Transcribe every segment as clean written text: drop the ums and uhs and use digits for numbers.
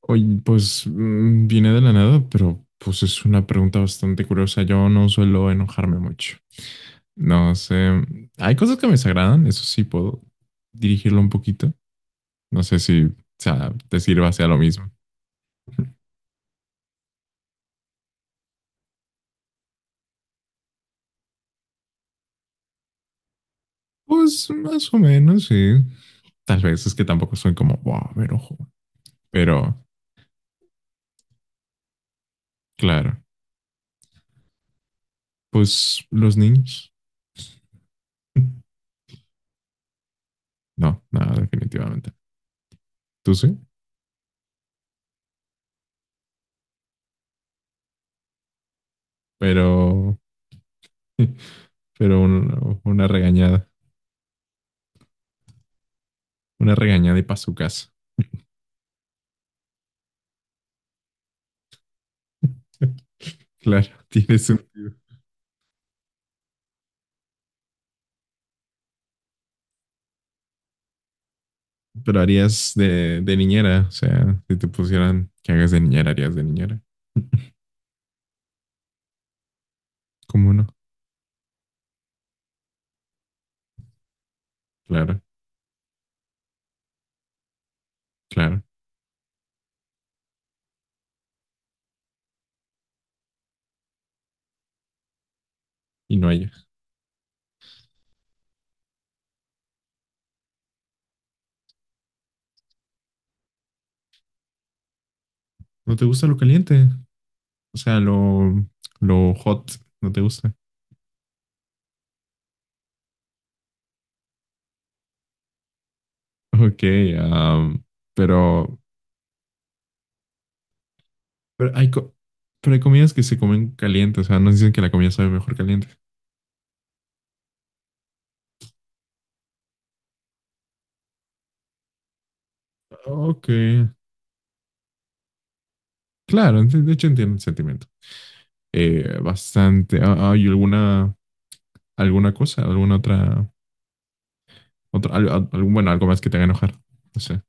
Oye, pues viene de la nada, pero pues es una pregunta bastante curiosa. Yo no suelo enojarme mucho. No sé, hay cosas que me desagradan, eso sí puedo dirigirlo un poquito. No sé si, o sea, te sirva sea lo mismo. Pues más o menos, sí. Tal vez es que tampoco soy como, wow, me enojo. Pero, claro, pues los niños. No, nada, definitivamente. Tú sí, pero, pero una regañada y pa' su casa. Claro, tiene sentido. Pero harías de niñera, o sea, si te pusieran que hagas de niñera, harías de niñera. ¿Cómo no? Claro, claro. Y no hay. ¿No te gusta lo caliente? O sea, lo hot, ¿no te gusta? Ok, am, pero, pero hay, co- pero hay comidas que se comen caliente, o sea, nos dicen que la comida sabe mejor caliente. Ok, claro, de hecho entiendo el sentimiento. Bastante. Ah, ¿hay alguna, alguna cosa, alguna otra otro, algún, bueno, algo más que te haga enojar? No sé.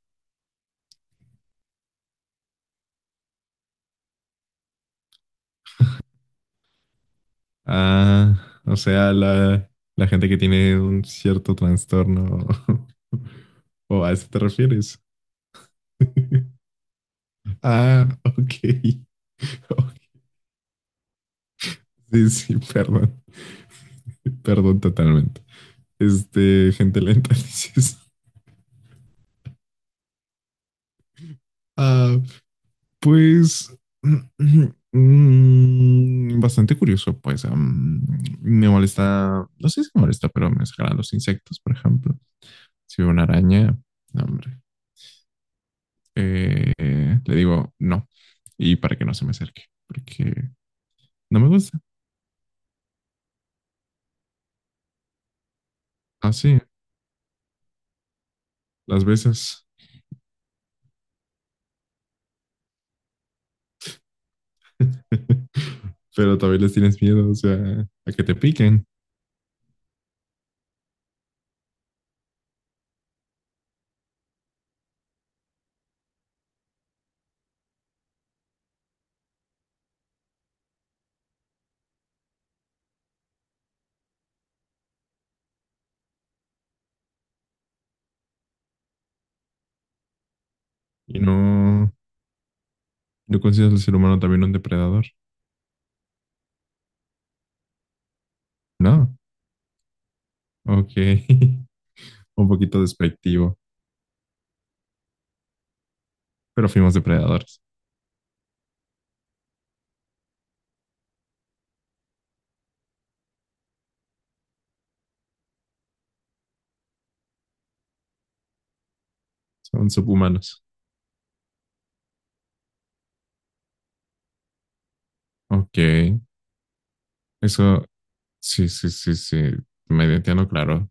Ah, o sea, la gente que tiene un cierto trastorno. ¿O a eso te refieres? Ah, ok. Sí, sí, perdón. Perdón totalmente. Este, gente lenta, dices. Ah, pues. Bastante curioso, pues. Me molesta. No sé si me molesta, pero me sacan los insectos, por ejemplo. Si veo una araña, no, hombre. eh, le digo no. Y para que no se me acerque, porque no me gusta. Así, las veces. Pero también les tienes miedo, o sea, a que te piquen. Y no, no consideras al ser humano también un depredador. No, ok. Un poquito despectivo. Pero fuimos depredadores. Son subhumanos. Ok. Eso, sí, sí, sí, sí. Me entiendo claro.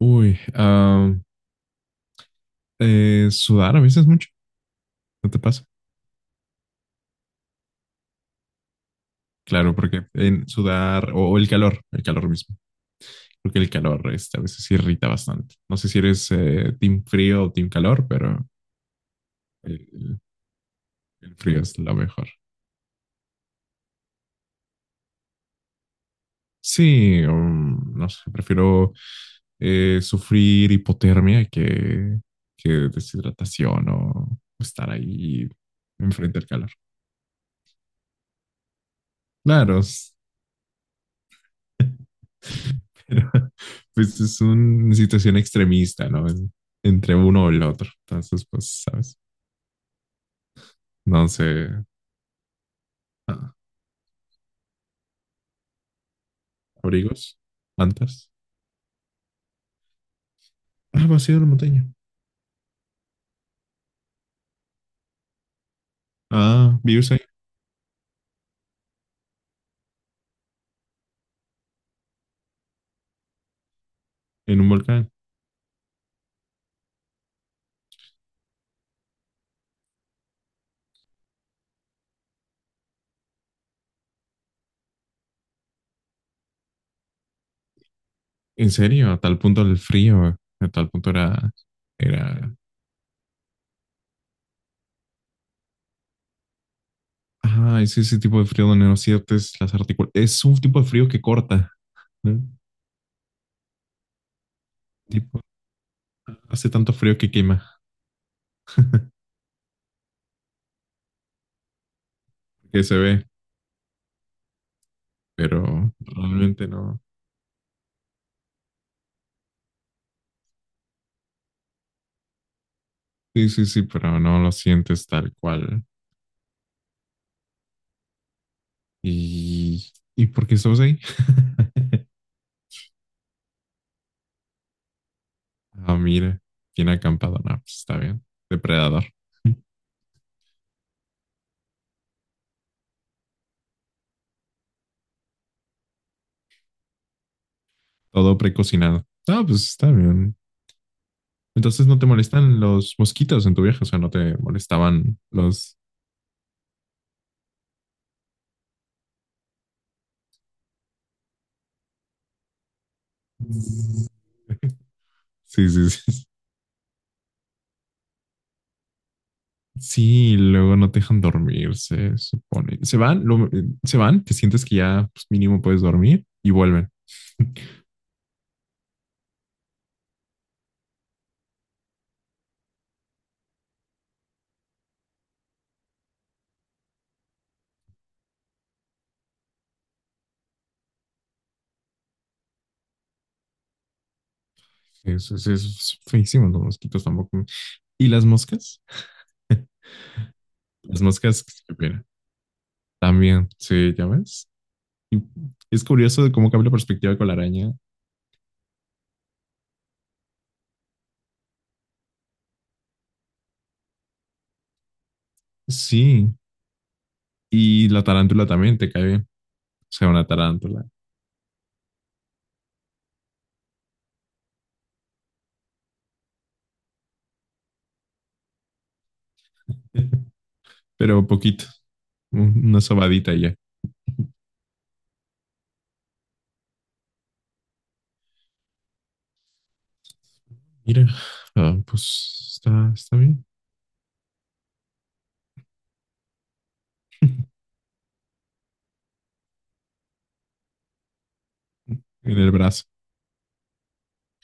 Uy, ah, sudar a veces mucho. ¿No te pasa? Claro, porque en sudar o el calor mismo, porque el calor este, a veces irrita bastante. No sé si eres team frío o team calor, pero el, el frío es lo mejor. Sí, no sé, prefiero sufrir hipotermia que deshidratación o estar ahí enfrente del calor. Claro, pero pues es una situación extremista, ¿no? Es entre uno o el otro. Entonces, pues, ¿sabes? No sé. Ah, abrigos, mantas. Ah, vacío de la montaña. Ah, vives ahí, en un volcán. En serio, a tal punto el frío, a tal punto era, era, ah, es ese tipo de frío donde no sientes las articulaciones. Es un tipo de frío que corta, ¿no? Tipo, hace tanto frío que quema, que se ve, pero realmente no. Sí, sí, sí, pero no lo sientes tal cual. ¿Y por qué estamos ahí? Ah, mire, bien acampado. No, pues está bien. Depredador. Todo precocinado. Ah, pues está bien. Entonces no te molestan los mosquitos en tu viaje, o sea, no te molestaban los... Sí, sí, sí. Sí, luego no te dejan dormir, se supone. Se van, se van, te sientes que ya pues, mínimo puedes dormir y vuelven. Eso es feísimo, los mosquitos tampoco. ¿Y las moscas? Las moscas, ¿qué opinan? También, sí, ya ves. Y es curioso de cómo cambia la perspectiva con la araña. Sí, y la tarántula también te cae bien. O sea, una tarántula, pero poquito, una sobadita y ya. Mira, ah, pues está, está bien. En el brazo.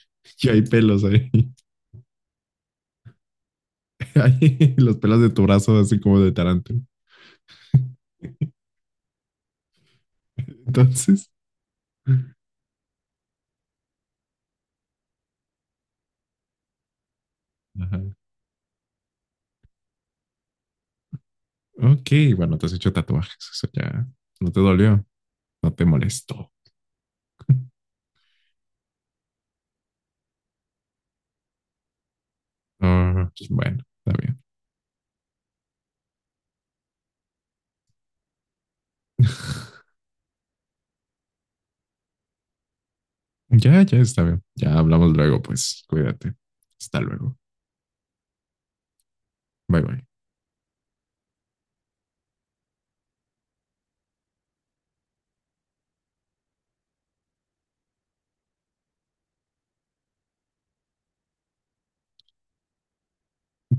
Y hay pelos ahí. Hay los pelos de tu brazo, así como de tarántula. Entonces, ajá. Ok, bueno, te has hecho tatuajes. Eso ya no te dolió, no te molestó. Ah, pues, bueno, está bien. Ya, ya está bien. Ya hablamos luego, pues cuídate. Hasta luego. Bye, bye.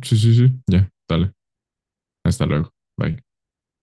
Sí, sí, sí. Ya, dale. Hasta luego. Bye.